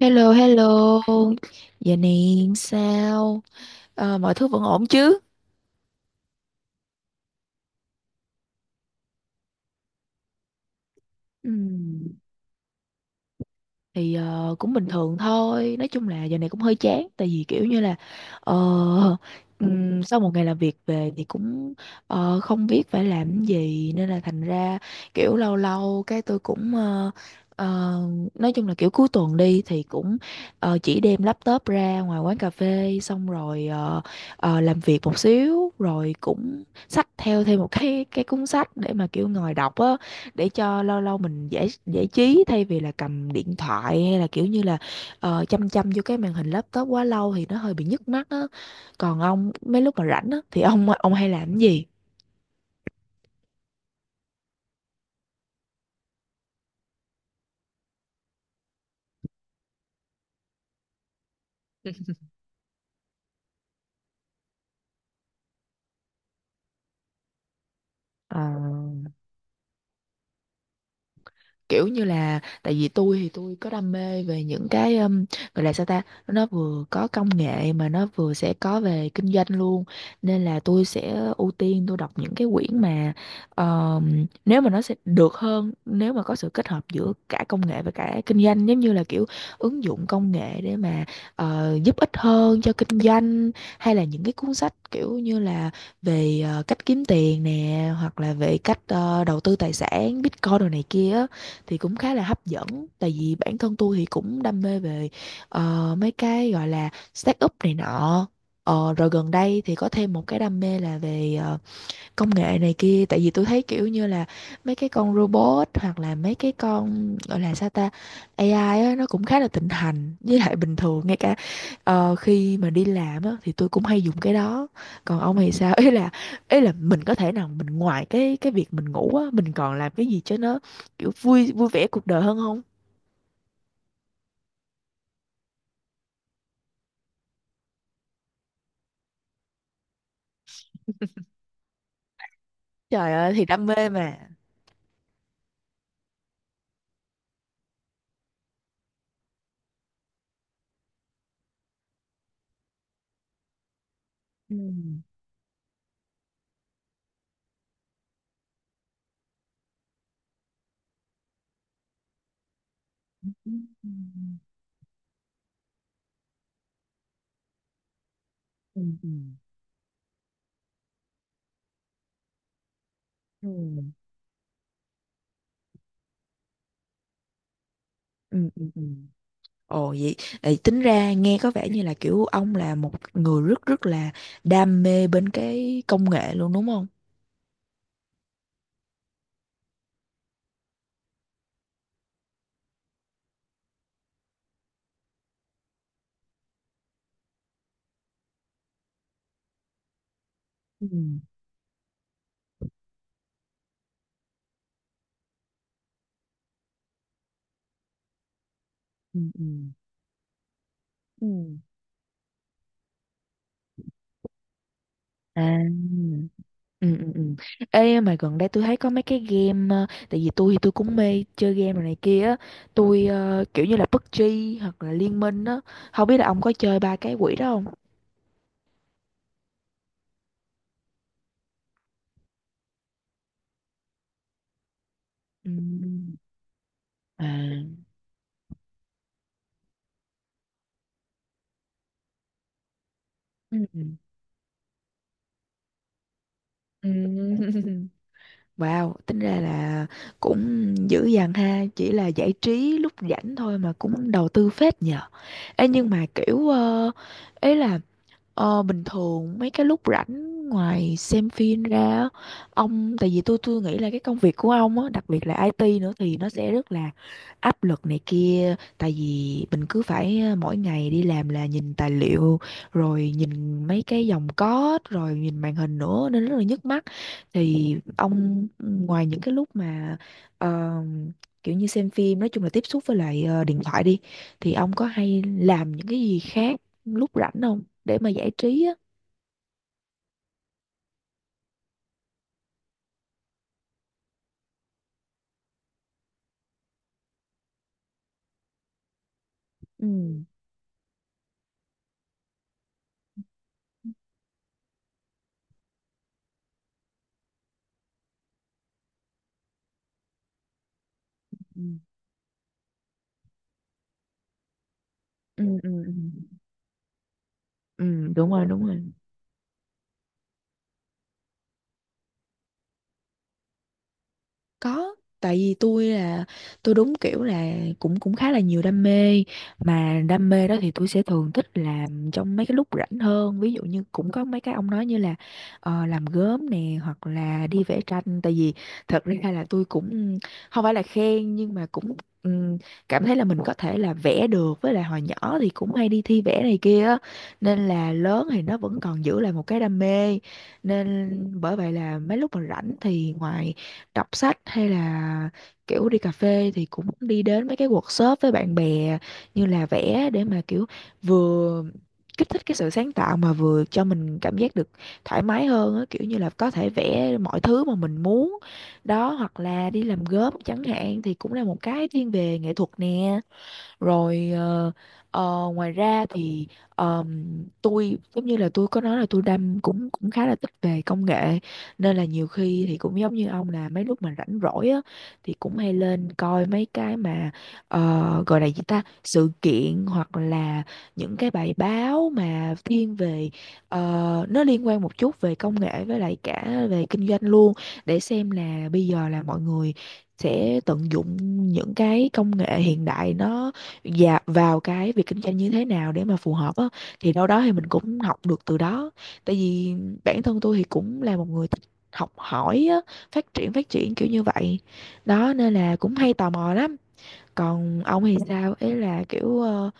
Hello, hello. Giờ này sao? Mọi thứ vẫn ổn chứ? Ừ. Thì cũng bình thường thôi, nói chung là giờ này cũng hơi chán tại vì kiểu như là ờ, sau một ngày làm việc về thì cũng không biết phải làm cái gì nên là thành ra kiểu lâu lâu cái tôi cũng ờ, nói chung là kiểu cuối tuần đi thì cũng chỉ đem laptop ra ngoài quán cà phê xong rồi làm việc một xíu rồi cũng xách theo thêm một cái cuốn sách để mà kiểu ngồi đọc á, để cho lâu lâu mình giải giải trí thay vì là cầm điện thoại hay là kiểu như là chăm chăm vô cái màn hình laptop quá lâu thì nó hơi bị nhức mắt á. Còn ông mấy lúc mà rảnh á thì ông hay làm cái gì? À, kiểu như là tại vì tôi thì tôi có đam mê về những cái gọi là sao ta, nó vừa có công nghệ mà nó vừa sẽ có về kinh doanh luôn, nên là tôi sẽ ưu tiên tôi đọc những cái quyển mà nếu mà nó sẽ được hơn nếu mà có sự kết hợp giữa cả công nghệ và cả kinh doanh, giống như là kiểu ứng dụng công nghệ để mà giúp ích hơn cho kinh doanh, hay là những cái cuốn sách kiểu như là về cách kiếm tiền nè, hoặc là về cách đầu tư tài sản Bitcoin đồ này kia á, thì cũng khá là hấp dẫn tại vì bản thân tôi thì cũng đam mê về mấy cái gọi là start up này nọ. Ờ, rồi gần đây thì có thêm một cái đam mê là về công nghệ này kia, tại vì tôi thấy kiểu như là mấy cái con robot hoặc là mấy cái con gọi là sao ta, AI á, nó cũng khá là thịnh hành, với lại bình thường ngay cả khi mà đi làm á thì tôi cũng hay dùng cái đó. Còn ông thì sao? Ý là mình có thể nào mình ngoài cái việc mình ngủ á, mình còn làm cái gì cho nó kiểu vui vui vẻ cuộc đời hơn không? Trời ơi thì đam mê mà. Ừ ừ ừ ừ ừ ừ ừ Ừ. Ồ vậy, vậy tính ra nghe có vẻ như là kiểu ông là một người rất rất là đam mê bên cái công nghệ luôn đúng không? Ừ, ừ, ừ, ừ. À. Ừ, ừ, ừ. Ê mà gần đây tôi thấy có mấy cái game, tại vì tôi thì tôi cũng mê chơi game rồi này kia á, tôi kiểu như là PUBG hoặc là Liên Minh á, không biết là ông có chơi ba cái quỷ đó không? Ừ. à Ừ. ừ. Wow, tính ra là cũng dữ dằn ha, chỉ là giải trí lúc rảnh thôi mà cũng đầu tư phết nhờ. Ê nhưng mà kiểu ấy là Ờ, bình thường mấy cái lúc rảnh ngoài xem phim ra á, ông tại vì tôi nghĩ là cái công việc của ông á, đặc biệt là IT nữa thì nó sẽ rất là áp lực này kia, tại vì mình cứ phải mỗi ngày đi làm là nhìn tài liệu rồi nhìn mấy cái dòng code rồi nhìn màn hình nữa nên rất là nhức mắt. Thì ông ngoài những cái lúc mà ờ, kiểu như xem phim, nói chung là tiếp xúc với lại điện thoại đi, thì ông có hay làm những cái gì khác lúc rảnh không, để mà giải trí á? Ừ ừ ừ, ừ, ừ. Ừ, đúng rồi đúng rồi. Có, tại vì tôi là tôi đúng kiểu là cũng cũng khá là nhiều đam mê, mà đam mê đó thì tôi sẽ thường thích làm trong mấy cái lúc rảnh hơn, ví dụ như cũng có mấy cái ông nói như là làm gốm nè hoặc là đi vẽ tranh, tại vì thật ra là tôi cũng không phải là khen nhưng mà cũng ừm, cảm thấy là mình có thể là vẽ được, với lại hồi nhỏ thì cũng hay đi thi vẽ này kia á, nên là lớn thì nó vẫn còn giữ lại một cái đam mê, nên bởi vậy là mấy lúc mà rảnh thì ngoài đọc sách hay là kiểu đi cà phê thì cũng đi đến mấy cái workshop với bạn bè như là vẽ, để mà kiểu vừa kích thích cái sự sáng tạo mà vừa cho mình cảm giác được thoải mái hơn á, kiểu như là có thể vẽ mọi thứ mà mình muốn đó, hoặc là đi làm gốm chẳng hạn thì cũng là một cái thiên về nghệ thuật nè. Rồi ngoài ra thì ờm, tôi giống như là tôi có nói là tôi đam cũng cũng khá là thích về công nghệ, nên là nhiều khi thì cũng giống như ông, là mấy lúc mà rảnh rỗi á thì cũng hay lên coi mấy cái mà gọi là gì ta, sự kiện hoặc là những cái bài báo mà thiên về nó liên quan một chút về công nghệ với lại cả về kinh doanh luôn, để xem là bây giờ là mọi người sẽ tận dụng những cái công nghệ hiện đại nó dạ vào cái việc kinh doanh như thế nào để mà phù hợp á, thì đâu đó thì mình cũng học được từ đó. Tại vì bản thân tôi thì cũng là một người thích học hỏi á, phát triển kiểu như vậy đó nên là cũng hay tò mò lắm. Còn ông thì sao, ấy là kiểu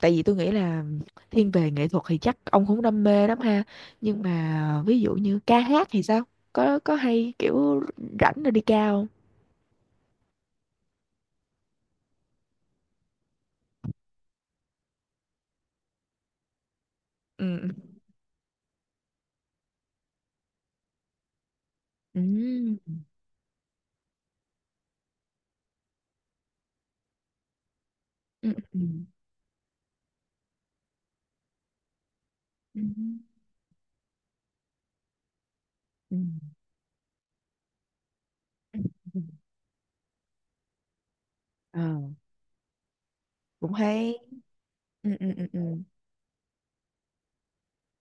tại vì tôi nghĩ là thiên về nghệ thuật thì chắc ông cũng đam mê lắm ha, nhưng mà ví dụ như ca hát thì sao, có hay kiểu rảnh rồi đi ca không? Ừ ừ ừ ừ ừ ừ ừ. ừ. Ờ, cũng hay. Ừ, ừ, ừ, ừ,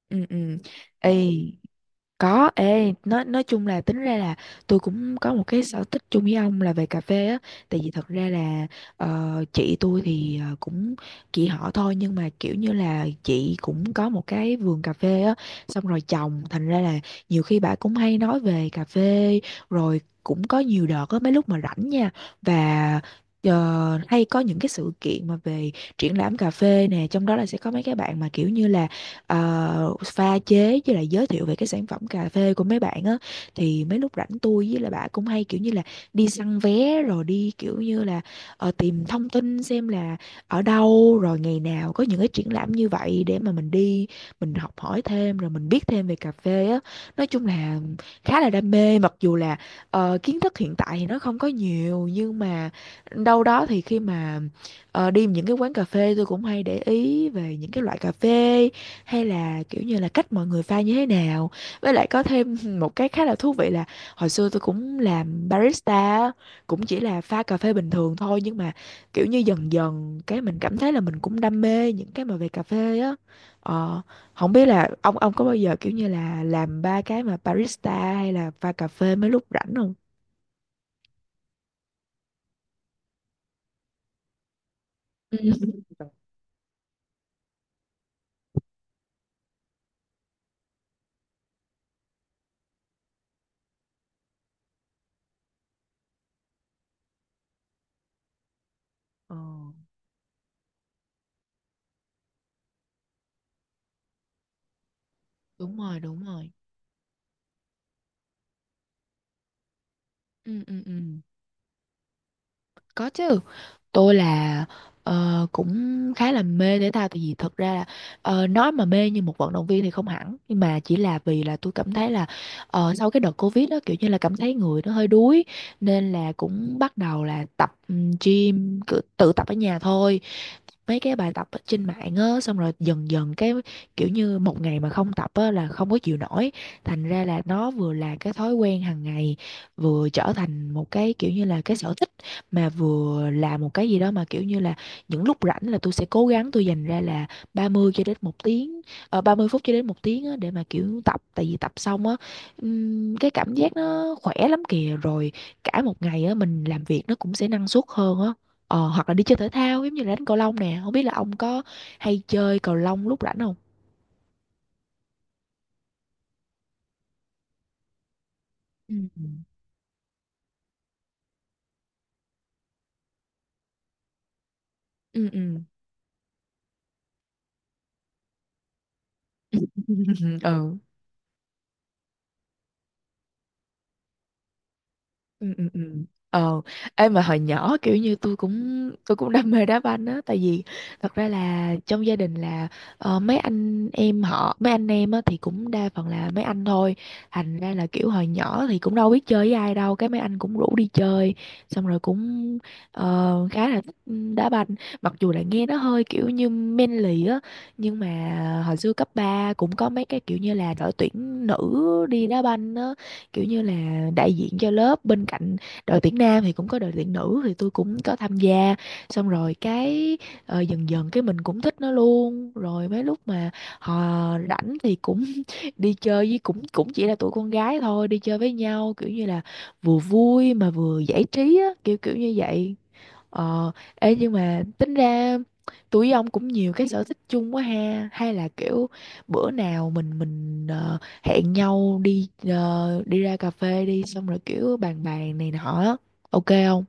ừ, ừ. Ê, có, ê, nói chung là tính ra là tôi cũng có một cái sở thích chung với ông là về cà phê á, tại vì thật ra là chị tôi thì cũng chị họ thôi, nhưng mà kiểu như là chị cũng có một cái vườn cà phê á, xong rồi trồng thành ra là nhiều khi bà cũng hay nói về cà phê, rồi cũng có nhiều đợt á mấy lúc mà rảnh nha, và hay có những cái sự kiện mà về triển lãm cà phê nè, trong đó là sẽ có mấy cái bạn mà kiểu như là pha chế với lại giới thiệu về cái sản phẩm cà phê của mấy bạn á, thì mấy lúc rảnh tôi với lại bà cũng hay kiểu như là đi săn vé rồi đi kiểu như là tìm thông tin xem là ở đâu rồi ngày nào có những cái triển lãm như vậy để mà mình đi, mình học hỏi thêm rồi mình biết thêm về cà phê á. Nói chung là khá là đam mê, mặc dù là kiến thức hiện tại thì nó không có nhiều, nhưng mà đâu đó thì khi mà đi những cái quán cà phê tôi cũng hay để ý về những cái loại cà phê hay là kiểu như là cách mọi người pha như thế nào, với lại có thêm một cái khá là thú vị là hồi xưa tôi cũng làm barista á, cũng chỉ là pha cà phê bình thường thôi, nhưng mà kiểu như dần dần cái mình cảm thấy là mình cũng đam mê những cái mà về cà phê á. ờ, Không biết là ông có bao giờ kiểu như là làm ba cái mà barista hay là pha cà phê mấy lúc rảnh không? Ừ. Ừ, đúng rồi, đúng rồi. Ừ, ừ, ừ. Có chứ. Tôi là cũng khá là mê thể thao, tại vì thật ra là nói mà mê như một vận động viên thì không hẳn, nhưng mà chỉ là vì là tôi cảm thấy là sau cái đợt Covid đó kiểu như là cảm thấy người nó hơi đuối, nên là cũng bắt đầu là tập gym, cự- tự tập ở nhà thôi. Mấy cái bài tập ở trên mạng á, xong rồi dần dần cái kiểu như một ngày mà không tập á là không có chịu nổi. Thành ra là nó vừa là cái thói quen hàng ngày, vừa trở thành một cái kiểu như là cái sở thích, mà vừa làm một cái gì đó mà kiểu như là những lúc rảnh là tôi sẽ cố gắng tôi dành ra là 30 cho đến 1 tiếng, 30 phút cho đến 1 tiếng á, để mà kiểu tập, tại vì tập xong á cái cảm giác nó khỏe lắm kìa, rồi cả một ngày á mình làm việc nó cũng sẽ năng suất hơn á. Hoặc là đi chơi thể thao giống như là đánh cầu lông nè, không biết là ông có hay chơi cầu lông lúc rảnh không? Ừ. ừ ừ ừ ừ ừ ừ ờ em mà hồi nhỏ kiểu như tôi cũng đam mê đá banh á, tại vì thật ra là trong gia đình là mấy anh em họ mấy anh em á thì cũng đa phần là mấy anh thôi, thành ra là kiểu hồi nhỏ thì cũng đâu biết chơi với ai đâu, cái mấy anh cũng rủ đi chơi, xong rồi cũng khá là thích đá banh, mặc dù là nghe nó hơi kiểu như manly á, nhưng mà hồi xưa cấp 3 cũng có mấy cái kiểu như là đội tuyển nữ đi đá banh á, kiểu như là đại diện cho lớp bên cạnh đội tuyển nam thì cũng có đội tuyển nữ, thì tôi cũng có tham gia, xong rồi cái dần dần cái mình cũng thích nó luôn, rồi mấy lúc mà họ rảnh thì cũng đi chơi với, cũng cũng chỉ là tụi con gái thôi, đi chơi với nhau kiểu như là vừa vui mà vừa giải trí á, kiểu kiểu như vậy. Ờ, ê nhưng mà tính ra tụi ông cũng nhiều cái sở thích chung quá ha, hay là kiểu bữa nào mình hẹn nhau đi đi ra cà phê đi xong rồi kiểu bàn bàn này nọ á. Ok không?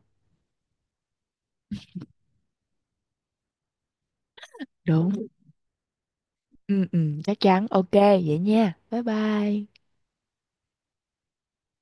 Được. Ừ ừ chắc chắn. Ok vậy nha, bye bye.